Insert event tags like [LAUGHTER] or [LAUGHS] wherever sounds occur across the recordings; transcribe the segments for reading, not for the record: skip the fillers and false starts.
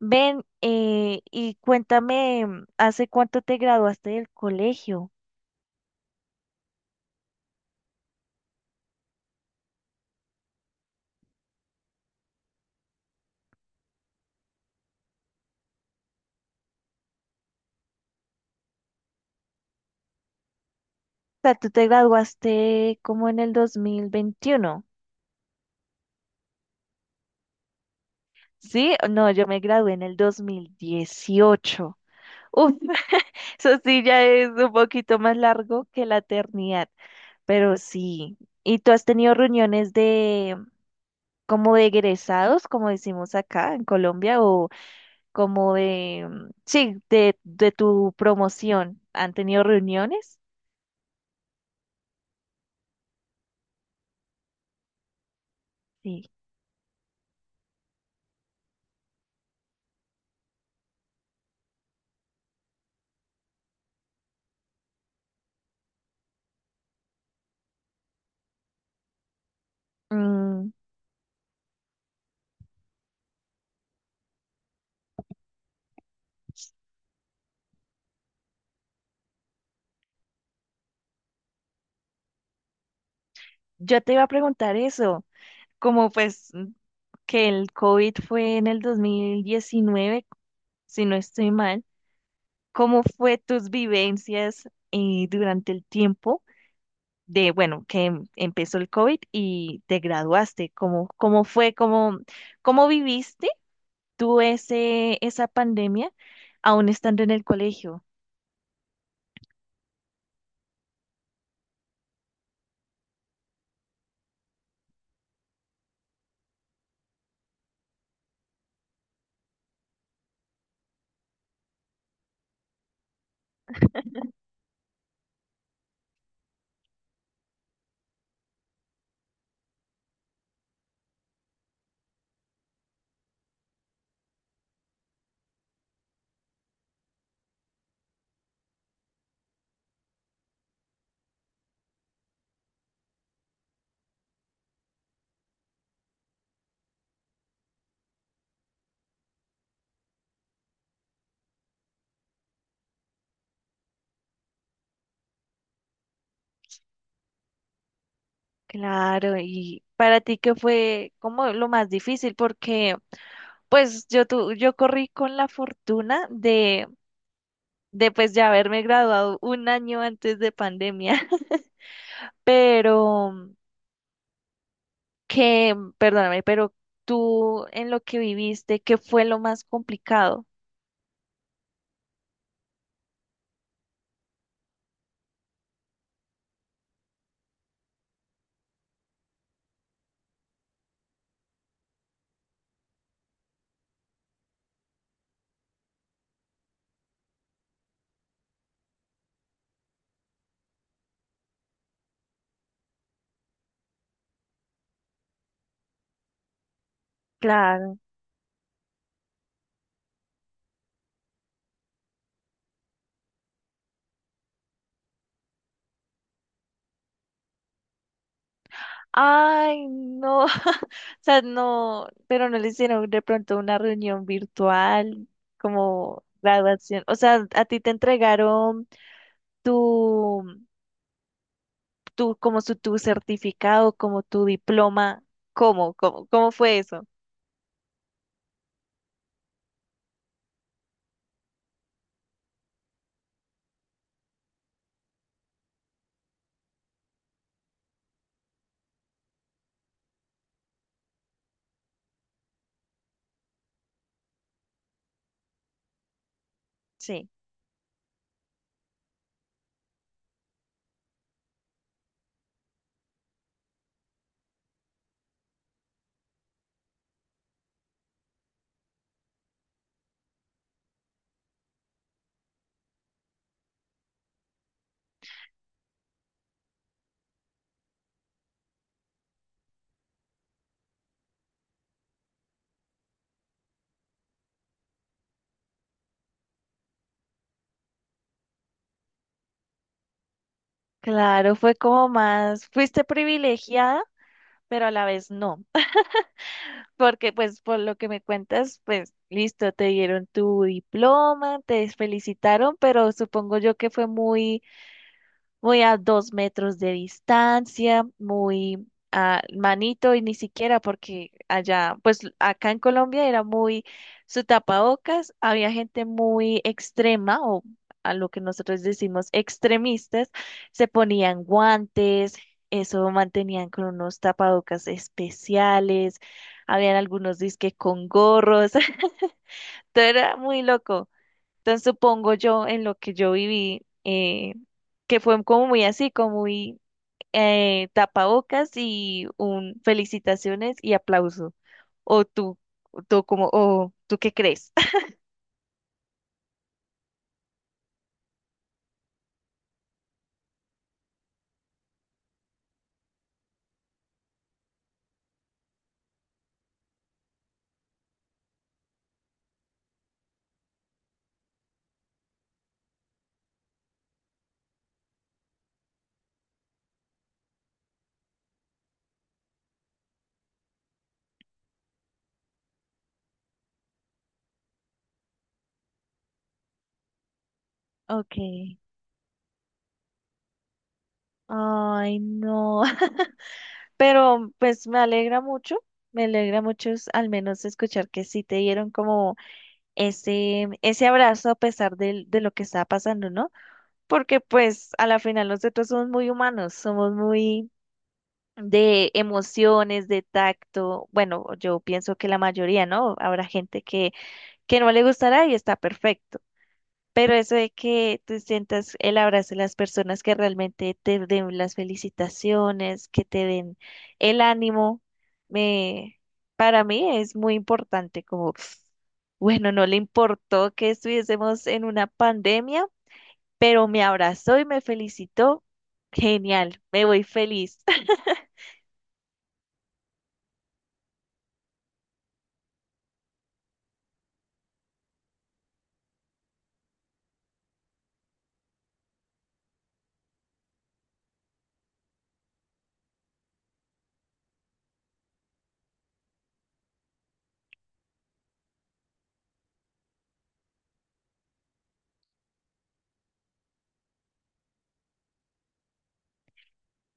Ven, y cuéntame, ¿hace cuánto te graduaste del colegio? O sea, tú te graduaste como en el 2021, ¿sí? No, yo me gradué en el 2018. Uf, [LAUGHS] eso sí ya es un poquito más largo que la eternidad, pero sí. ¿Y tú has tenido reuniones de, como de egresados, como decimos acá en Colombia, o como de, sí, de tu promoción? ¿Han tenido reuniones? Sí. Mm, yo te iba a preguntar eso, como pues que el COVID fue en el 2019 si no estoy mal, ¿cómo fue tus vivencias durante el tiempo de, bueno, que empezó el COVID y te graduaste? ¿Cómo fue, cómo viviste tú esa pandemia aún estando en el colegio? Claro, y para ti, ¿qué fue como lo más difícil? Porque... Pues yo corrí con la fortuna de pues ya haberme graduado un año antes de pandemia, [LAUGHS] pero que, perdóname, pero tú en lo que viviste, ¿qué fue lo más complicado? Claro. Ay, no, [LAUGHS] o sea, no, pero no le hicieron de pronto una reunión virtual como graduación. O sea, a ti te entregaron tu tu certificado, como tu diploma. ¿Cómo fue eso? Sí, claro, fue fuiste privilegiada, pero a la vez no. [LAUGHS] Porque pues por lo que me cuentas, pues listo, te dieron tu diploma, te felicitaron, pero supongo yo que fue muy muy a 2 metros de distancia, muy a manito y ni siquiera porque allá, pues acá en Colombia era muy su tapabocas, había gente muy extrema o a lo que nosotros decimos extremistas, se ponían guantes, eso mantenían con unos tapabocas especiales, habían algunos disque con gorros, [LAUGHS] todo era muy loco. Entonces supongo yo en lo que yo viví, que fue como muy así, como muy tapabocas y un felicitaciones y aplauso. O tú, o tú qué crees. [LAUGHS] Okay. Ay, no. [LAUGHS] Pero pues me alegra mucho al menos escuchar que sí te dieron como ese abrazo a pesar de lo que estaba pasando, ¿no? Porque pues a la final nosotros somos muy humanos, somos muy de emociones, de tacto. Bueno, yo pienso que la mayoría, ¿no? Habrá gente que no le gustará y está perfecto. Pero eso de que tú sientas el abrazo de las personas que realmente te den las felicitaciones, que te den el ánimo, me, para mí es muy importante, como, pf, bueno, no le importó que estuviésemos en una pandemia, pero me abrazó y me felicitó. Genial, me voy feliz.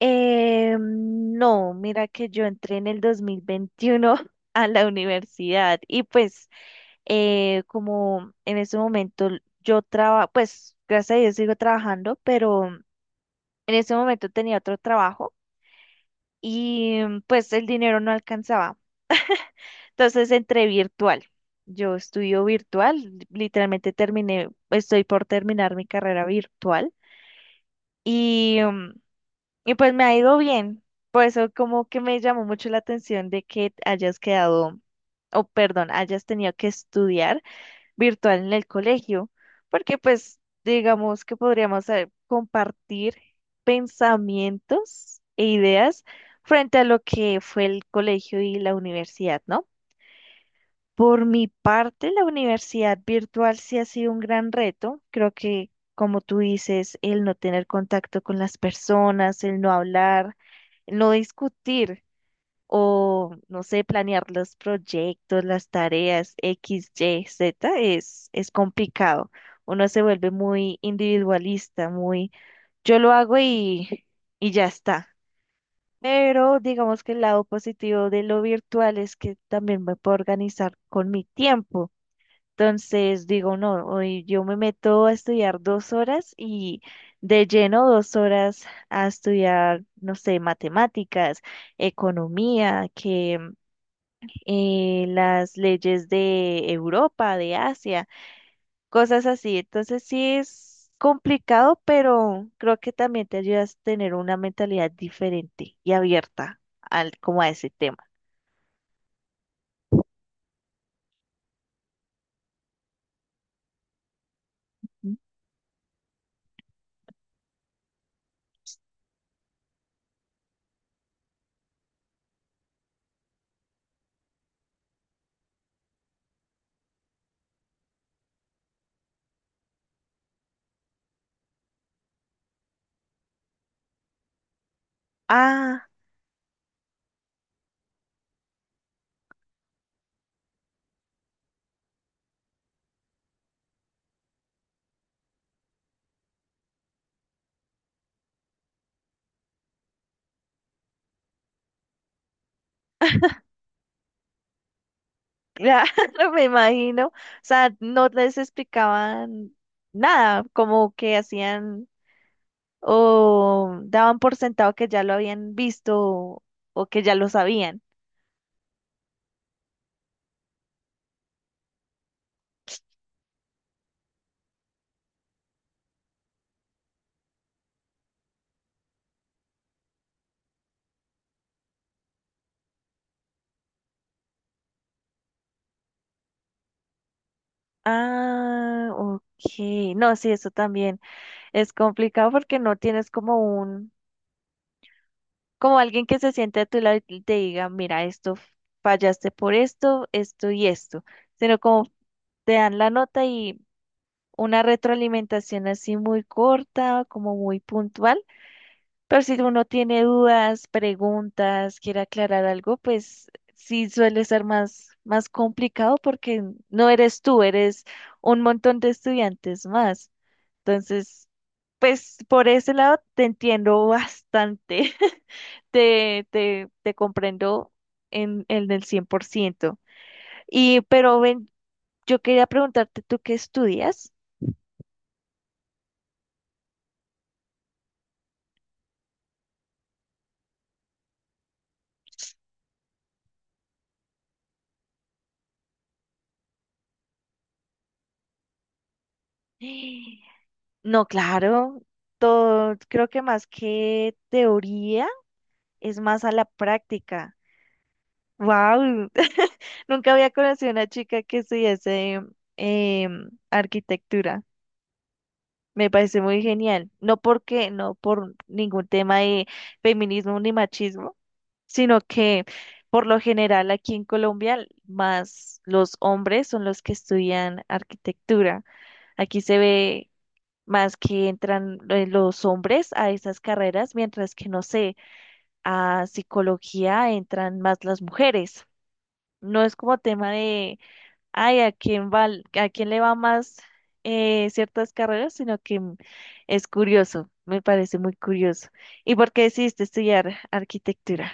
No, mira que yo entré en el 2021 [LAUGHS] a la universidad y pues como en ese momento yo trabajo, pues gracias a Dios sigo trabajando, pero en ese momento tenía otro trabajo y pues el dinero no alcanzaba. Entonces entré virtual. Yo estudio virtual, literalmente terminé, estoy por terminar mi carrera virtual. Y em, Y pues me ha ido bien. Por eso como que me llamó mucho la atención de que hayas quedado, o perdón, hayas tenido que estudiar virtual en el colegio, porque pues digamos que podríamos compartir pensamientos e ideas frente a lo que fue el colegio y la universidad, ¿no? Por mi parte, la universidad virtual sí ha sido un gran reto. Creo que, como tú dices, el no tener contacto con las personas, el no hablar, el no discutir o, no sé, planear los proyectos, las tareas X, Y, Z es complicado. Uno se vuelve muy individualista, muy yo lo hago y ya está. Pero digamos que el lado positivo de lo virtual es que también me puedo organizar con mi tiempo. Entonces digo, no, hoy yo me meto a estudiar 2 horas y de lleno 2 horas a estudiar, no sé, matemáticas, economía, que las leyes de Europa, de Asia, cosas así. Entonces sí es complicado, pero creo que también te ayudas a tener una mentalidad diferente y abierta al, como a ese tema. Ah. Claro, [LAUGHS] me imagino. O sea, no les explicaban nada, como que hacían o daban por sentado que ya lo habían visto o que ya lo sabían. Ah, ok. No, sí, eso también es complicado porque no tienes como alguien que se siente a tu lado y te diga, mira, esto fallaste por esto, esto y esto, sino como te dan la nota y una retroalimentación así muy corta, como muy puntual. Pero si uno tiene dudas, preguntas, quiere aclarar algo, pues sí suele ser más complicado porque no eres tú, eres un montón de estudiantes más. Entonces, pues por ese lado te entiendo bastante, [LAUGHS] te comprendo en el 100%. Y, pero ven, yo quería preguntarte, ¿tú qué estudias? [GASPS] No, claro, todo, creo que más que teoría es más a la práctica. ¡Wow! [LAUGHS] Nunca había conocido a una chica que estudiase arquitectura. Me parece muy genial. No por ningún tema de feminismo ni machismo, sino que por lo general aquí en Colombia, más los hombres son los que estudian arquitectura. Aquí se ve más que entran los hombres a esas carreras, mientras que, no sé, a psicología entran más las mujeres. No es como tema de, ay, a quién le va más ciertas carreras, sino que es curioso, me parece muy curioso. ¿Y por qué decidiste estudiar arquitectura?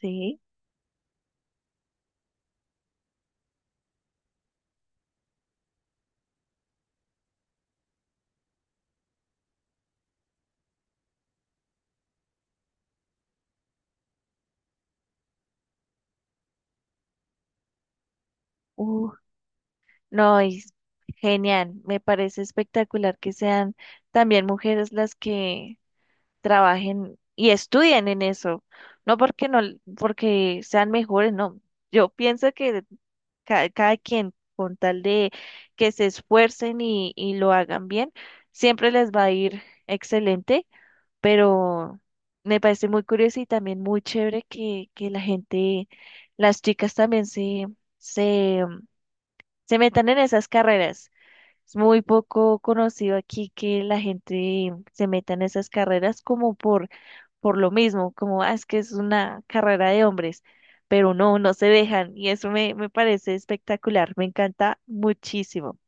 Sí. Uh, no, genial, me parece espectacular que sean también mujeres las que trabajen y estudien en eso, no porque no, porque sean mejores, no. Yo pienso que cada, quien, con tal de que se esfuercen y lo hagan bien, siempre les va a ir excelente, pero me parece muy curioso y también muy chévere que la gente, las chicas también se, se metan en esas carreras. Es muy poco conocido aquí que la gente se meta en esas carreras como por lo mismo, como "Ah, es que es una carrera de hombres", pero no, no se dejan y eso me parece espectacular, me encanta muchísimo.